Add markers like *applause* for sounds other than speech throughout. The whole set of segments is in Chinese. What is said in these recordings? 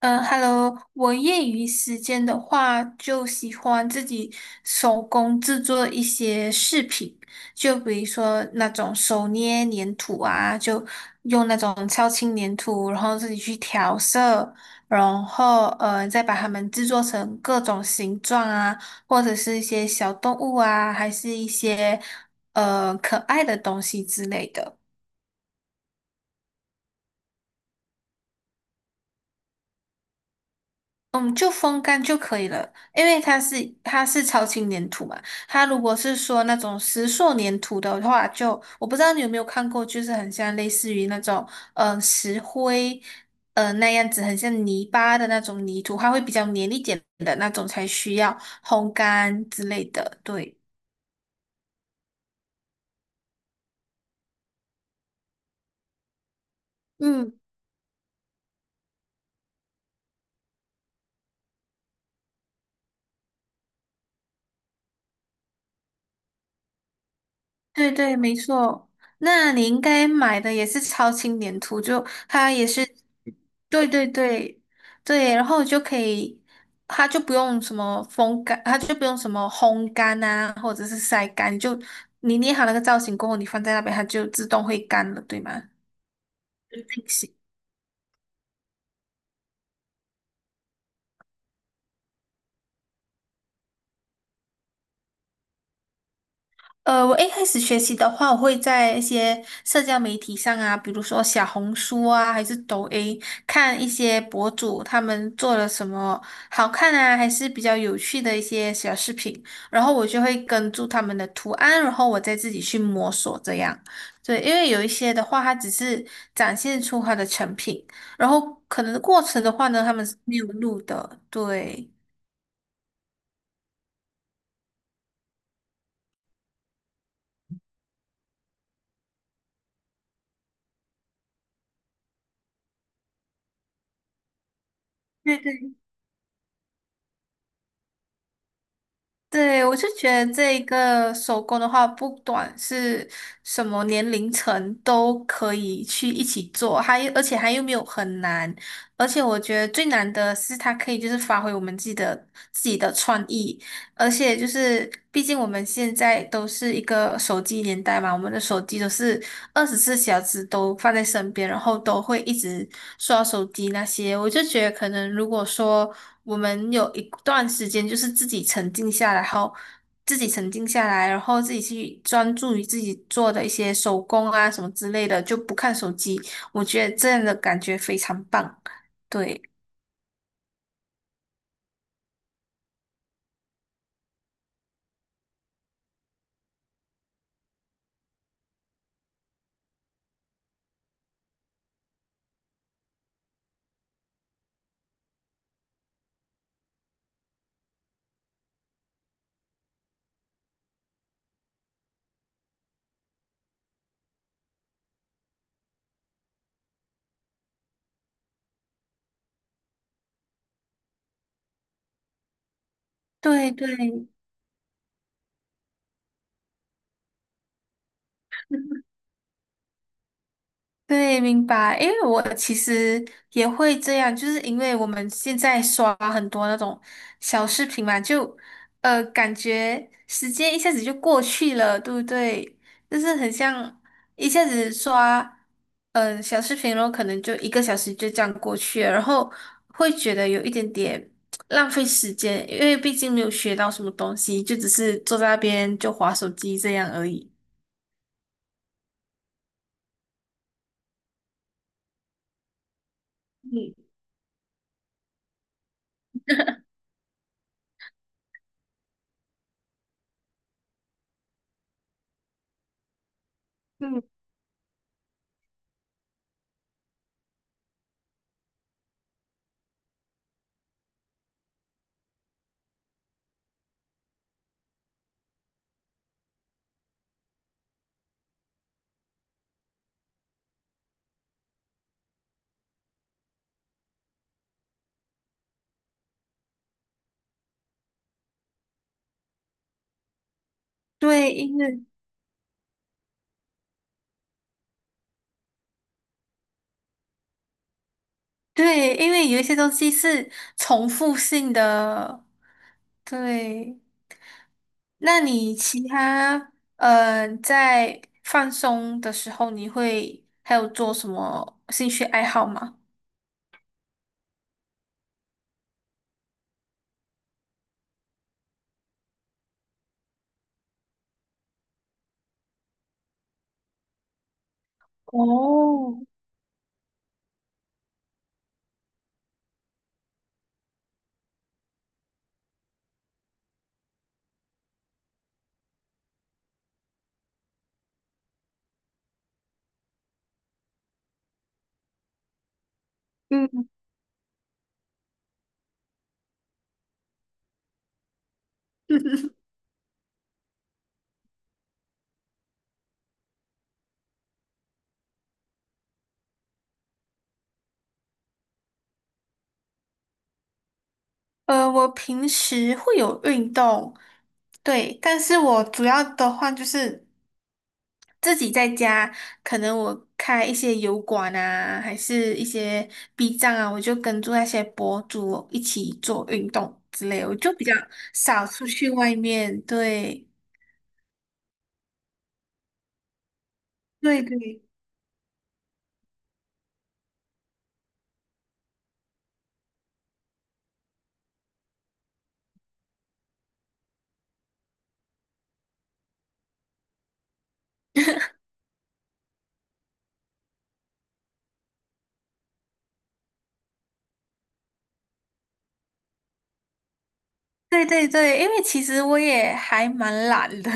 嗯，Hello，我业余时间的话，就喜欢自己手工制作一些饰品，就比如说那种手捏粘土啊，就用那种超轻粘土，然后自己去调色，然后再把它们制作成各种形状啊，或者是一些小动物啊，还是一些可爱的东西之类的。嗯，就风干就可以了，因为它是超轻粘土嘛。它如果是说那种石塑粘土的话就，我不知道你有没有看过，就是很像类似于那种石灰那样子，很像泥巴的那种泥土，它会比较黏一点的那种才需要烘干之类的。对，嗯。对对，没错。那你应该买的也是超轻粘土，就它也是，对对对对，然后就可以，它就不用什么风干，它就不用什么烘干啊，或者是晒干，就你捏好那个造型过后，你放在那边，它就自动会干了，对吗？就定型。呃，我一开始学习的话，我会在一些社交媒体上啊，比如说小红书啊，还是抖音，看一些博主他们做了什么好看啊，还是比较有趣的一些小视频，然后我就会跟住他们的图案，然后我再自己去摸索这样。对，因为有一些的话，它只是展现出它的成品，然后可能过程的话呢，他们是没有录的。对，对对对，我就觉得这一个手工的话，不管是什么年龄层都可以去一起做，还而且还又没有很难，而且我觉得最难的是它可以就是发挥我们自己的自己的创意，而且就是，毕竟我们现在都是一个手机年代嘛，我们的手机都是24小时都放在身边，然后都会一直刷手机那些。我就觉得，可能如果说我们有一段时间就是自己沉静下来，然后自己沉静下来，然后自己去专注于自己做的一些手工啊什么之类的，就不看手机，我觉得这样的感觉非常棒。对，对，对。对，明白。因为我其实也会这样，就是因为我们现在刷很多那种小视频嘛，就感觉时间一下子就过去了，对不对？就是很像一下子刷小视频，然后可能就1个小时就这样过去了，然后会觉得有一点点浪费时间，因为毕竟没有学到什么东西，就只是坐在那边就划手机这样而已。嗯嗯，对，因为对，因为有一些东西是重复性的。对，那你其他在放松的时候，你会还有做什么兴趣爱好吗？哦，嗯，*laughs* 呃，我平时会有运动，对，但是我主要的话就是自己在家，可能我开一些油管啊，还是一些 B 站啊，我就跟住那些博主一起做运动之类，我就比较少出去外面，对，对对。对对对，因为其实我也还蛮懒的，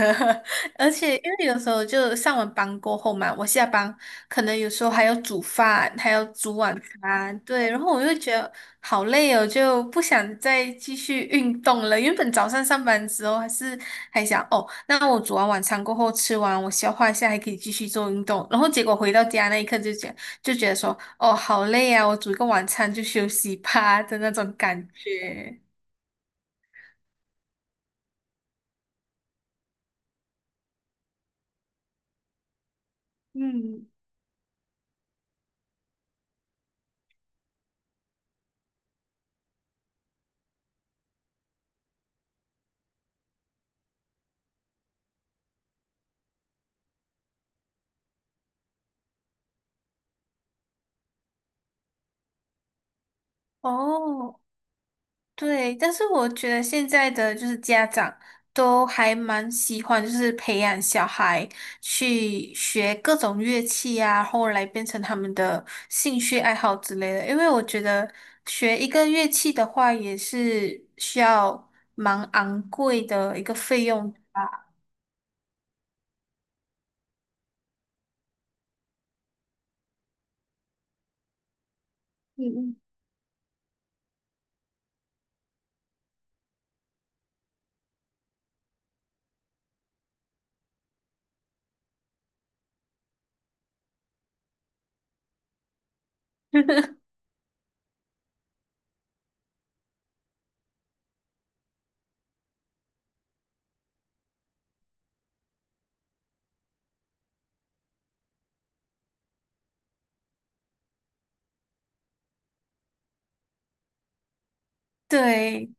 *laughs* 而且因为有时候就上完班过后嘛，我下班可能有时候还要煮饭，还要煮晚餐，对，然后我就觉得好累哦，就不想再继续运动了。原本早上上班之后还是还想哦，那我煮完晚餐过后吃完，我消化一下还可以继续做运动，然后结果回到家那一刻就觉得说哦好累啊，我煮一个晚餐就休息吧 *laughs* 的那种感觉，嗯。哦，对，但是我觉得现在的就是家长都还蛮喜欢，就是培养小孩去学各种乐器啊，后来变成他们的兴趣爱好之类的。因为我觉得学一个乐器的话，也是需要蛮昂贵的一个费用。嗯嗯。对，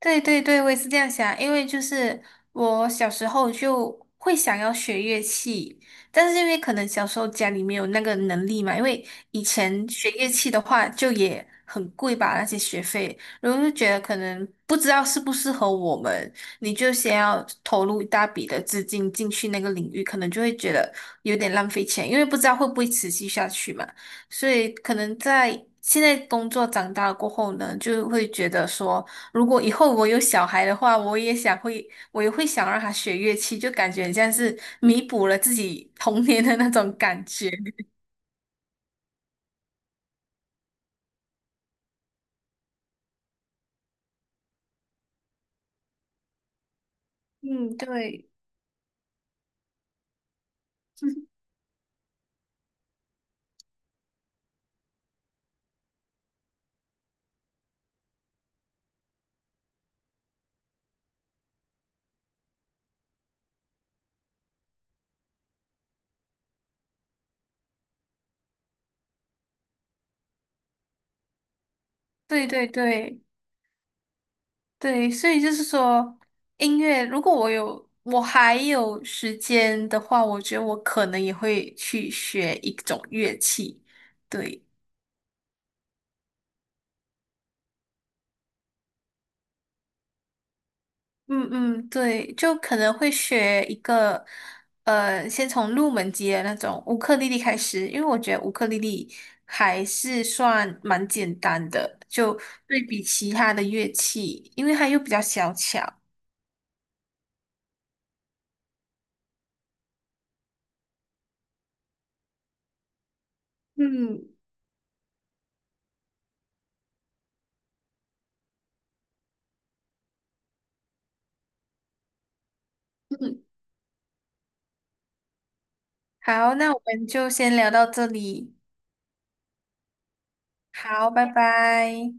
对对对，我也是这样想，因为就是我小时候就会想要学乐器，但是因为可能小时候家里没有那个能力嘛，因为以前学乐器的话就也很贵吧，那些学费，然后就觉得可能不知道适不适合我们，你就先要投入一大笔的资金进去那个领域，可能就会觉得有点浪费钱，因为不知道会不会持续下去嘛，所以可能在现在工作长大了过后呢，就会觉得说。如果以后我有小孩的话，我也会想让他学乐器，就感觉很像是弥补了自己童年的那种感觉。嗯，对，对对对对，所以就是说，音乐，如果我还有时间的话，我觉得我可能也会去学一种乐器。对。嗯嗯，对，就可能会学一个，呃，先从入门级的那种乌克丽丽开始，因为我觉得乌克丽丽还是算蛮简单的，就对比其他的乐器，因为它又比较小巧。嗯嗯，好，那我们就先聊到这里，好，拜拜。